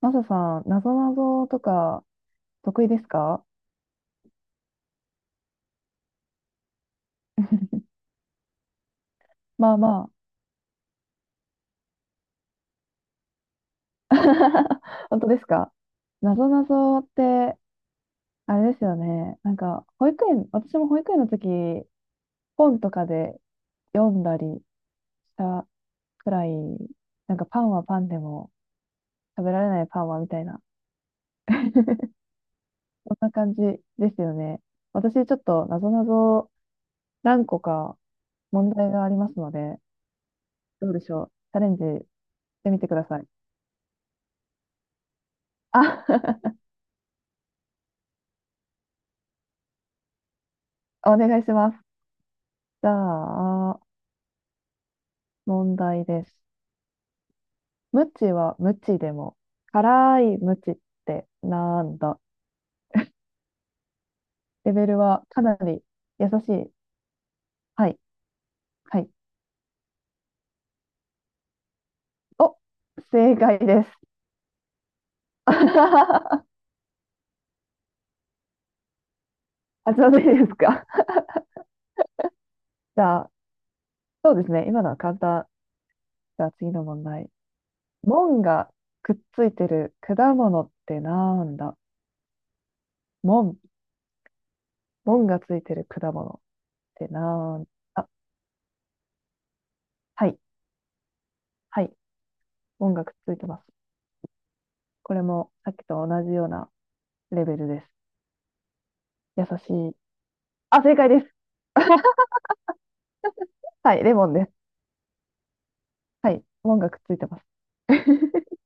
マサさん、なぞなぞとか得意ですか？まあまあ。本当ですか？なぞなぞって、あれですよね。なんか、保育園、私も保育園の時、本とかで読んだりしたくらい、なんかパンはパンでも食べられないパンはみたいな、そんな感じですよね。私、ちょっとなぞなぞ何個か問題がありますので、どうでしょう。チャレンジしてみてください。あ。 お願いします。じゃあ、問題です。無知は無知でも、辛い無知ってなんだ？レベルはかなり優しい。はい。はい。お、正解です。あ、ちょうどいいですか？じゃあ、そうですね。今のは簡単。じゃあ次の問題。門がくっついてる果物ってなんだ？門、門がついてる果物ってなんだ？はい。はい。門がくっついてます。これもさっきと同じようなレベルです。優しい。あ、正解です。はい、レモンです。はい、モンがくっついてます。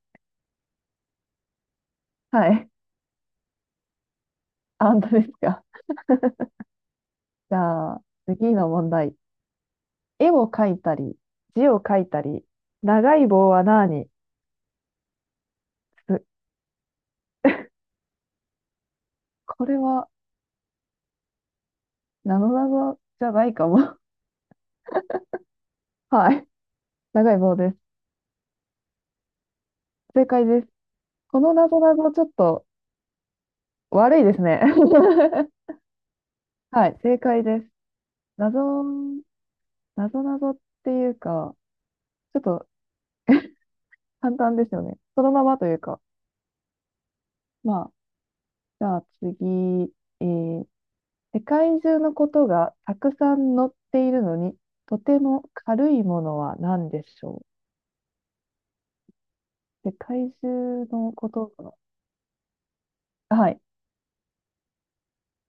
はい、あ、本当ですか？じゃあ、次の問題。絵を描いたり、字を書いたり、長い棒は何す？これは、なぞなぞじゃないかも。はい、長い棒です。正解です。このなぞなぞちょっと悪いですね。はい、正解です。なぞ、なぞなぞっていうか、ちょっと簡単ですよね。そのままというか、まあ、じゃあ次、えー世界中のことがたくさん載っているのに、とても軽いものは何でしょう？世界中のことが、はい、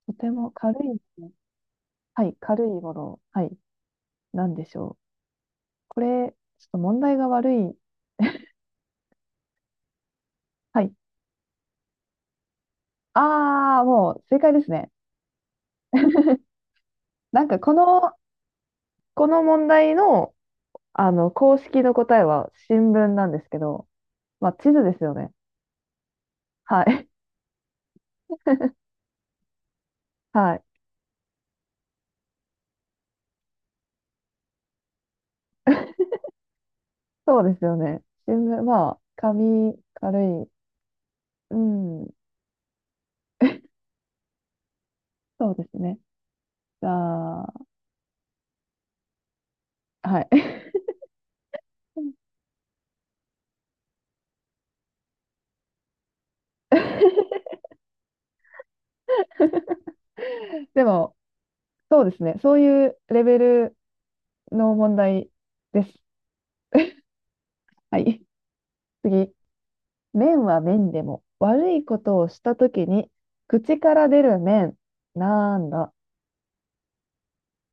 とても軽いもの、はい、軽いもの、はい、何でしょう？これ、ちょっと問題が悪い。はい。ああ、もう正解ですね。なんかこの、この問題の、あの、公式の答えは新聞なんですけど、まあ、地図ですよね。はい。はい。そうですよね。新聞、まあ、紙、軽い。うん、そうですね。じゃあ、はい。でも、そうですね。そういうレベルの問題です。はい。次。面は面でも、悪いことをしたときに、口から出る面。なんだ。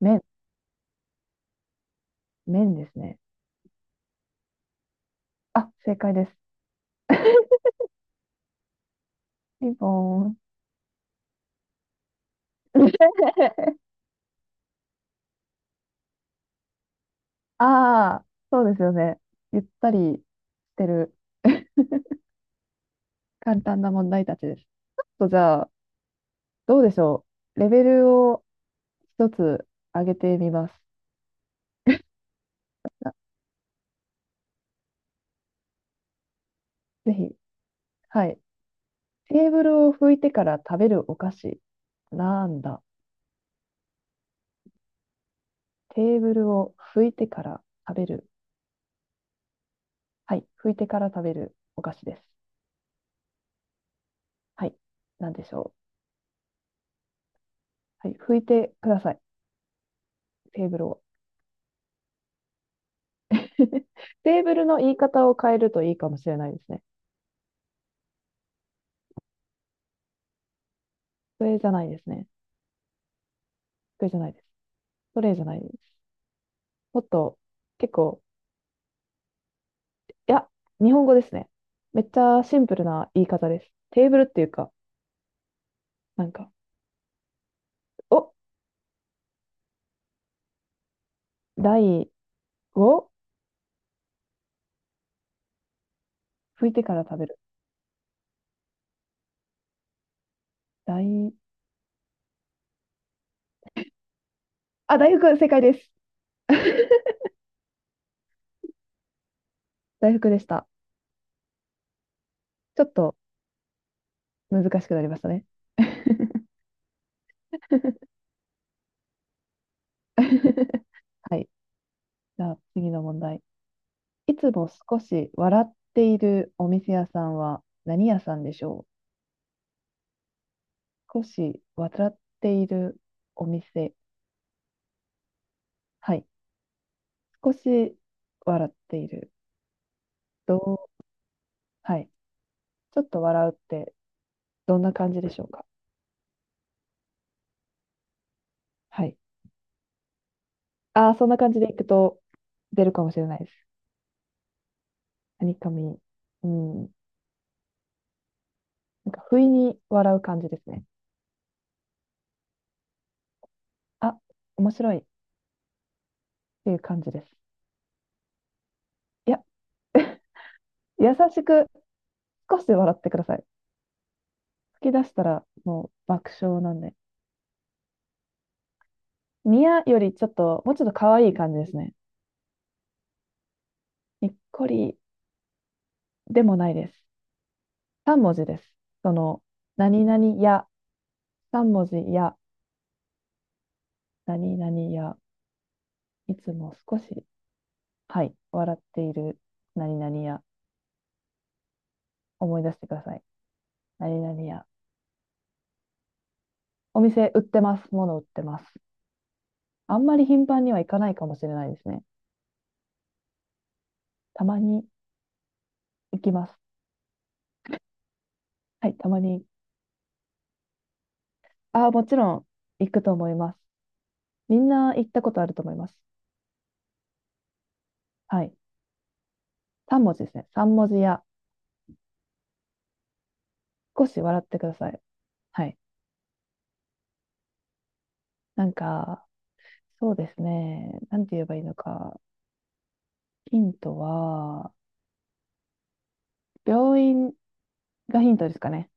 面、面ですね。あ、正解です。ピンポーン。ああ、そうですよね。ゆったりしてる。簡単な問題たちです。ちょっとじゃあ、どうでしょう。レベルを一つ上げてみます。ぜひ。はい。テーブルを拭いてから食べるお菓子。なんだ。テーブルを拭いてから食べる。はい。拭いてから食べるお菓子です。はい。なんでしょう。はい。拭いてください。テーブルを。テーブルの言い方を変えるといいかもしれないですね。それじゃないですね。それじゃないです。それじゃないです。もっと結構いや、日本語ですね。めっちゃシンプルな言い方です。テーブルっていうか、なんか、お、台を拭いてから食べる。台、あ、大福、正解です。大福でした。ちょっと難しくなりましたね。はい。じゃあ次の問題。いつも少し笑っているお店屋さんは何屋さんでしょう？少し笑っているお店。はい。少し笑っている。どう、はい。ちょっと笑うってどんな感じでしょうか。はい。ああ、そんな感じでいくと出るかもしれないです。はにかみ。うん。なんか、不意に笑う感じですね。あ、面白いっていう感じです。いや、優しく少し笑ってください。吹き出したらもう爆笑なんで。ニヤよりちょっと、もうちょっと可愛い感じですね。にっこりでもないです。3文字です。その、何々や、3文字や、何々や、いつも少しはい、笑っている何々屋、思い出してください。何々屋。お店売ってます。物売ってます。あんまり頻繁には行かないかもしれないですね。たまに行きます。はい、たまに。ああ、もちろん行くと思います。みんな行ったことあると思います。はい。3文字ですね。3文字屋。少し笑ってください。はい。なんか、そうですね。なんて言えばいいのか。ヒントは、病院がヒントですかね。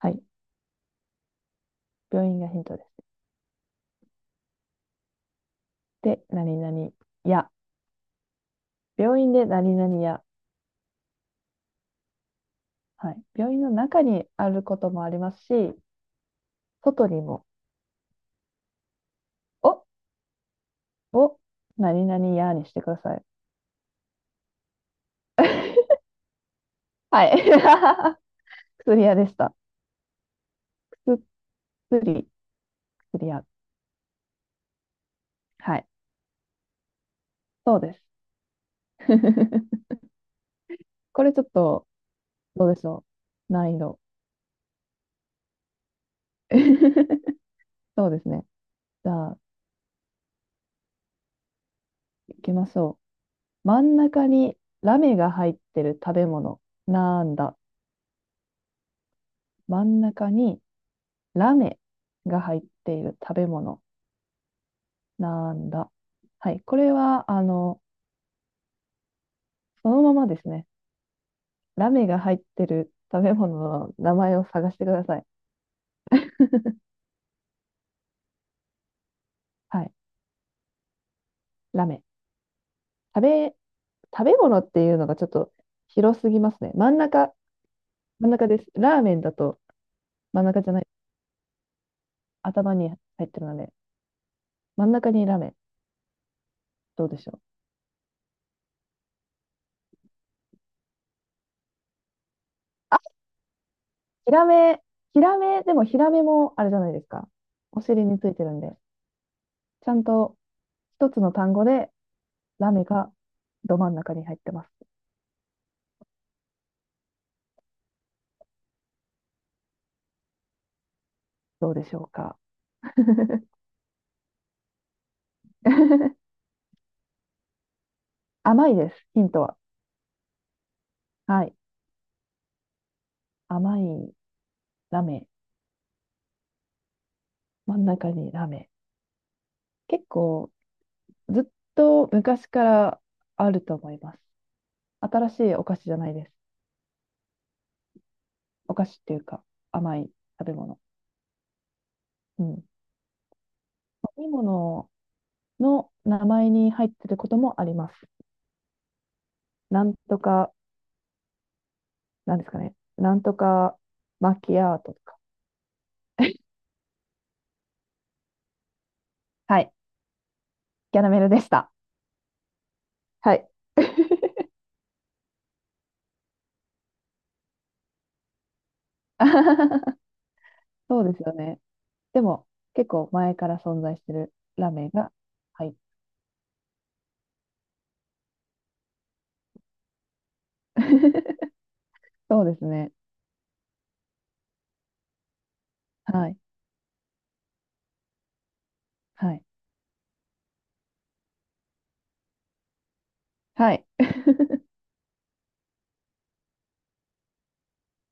はい。病院がヒントです。で、何々屋。病院で何々や、はい、病院の中にあることもありますし、外にも、お、お、何々やにしてください。はい。薬屋でした。薬、薬屋。はい。そうです。これちょっと、どうでしょう。難易度。そうですね。じゃあ、行きましょう。真ん中にラメが入ってる食べ物。なんだ。真ん中にラメが入っている食べ物。なんだ。はい。これは、あの、そのままですね。ラメが入ってる食べ物の名前を探してください。はい。ラメ。食べ、食べ物っていうのがちょっと広すぎますね。真ん中です。ラーメンだと真ん中じゃない。頭に入ってるので、真ん中にラメ。どうでしょう。ヒラメ、ヒラメ、でもヒラメもあれじゃないですか。お尻についてるんで、ちゃんと一つの単語でラメがど真ん中に入ってます。どうでしょうか。甘いです、ヒントは。はい。甘いラメ。真ん中にラメ。結構、ずっと昔からあると思います。新しいお菓子じゃないです。お菓子っていうか、甘い食べ物。うん。飲み物の名前に入ってることもあります。なんとか、なんですかね。なんとかマキアートとか。はい。キャラメルでした。はい。あはははそうですよね。でも、結構前から存在してるラメが入っ。 そうですね。はい。はい。はい。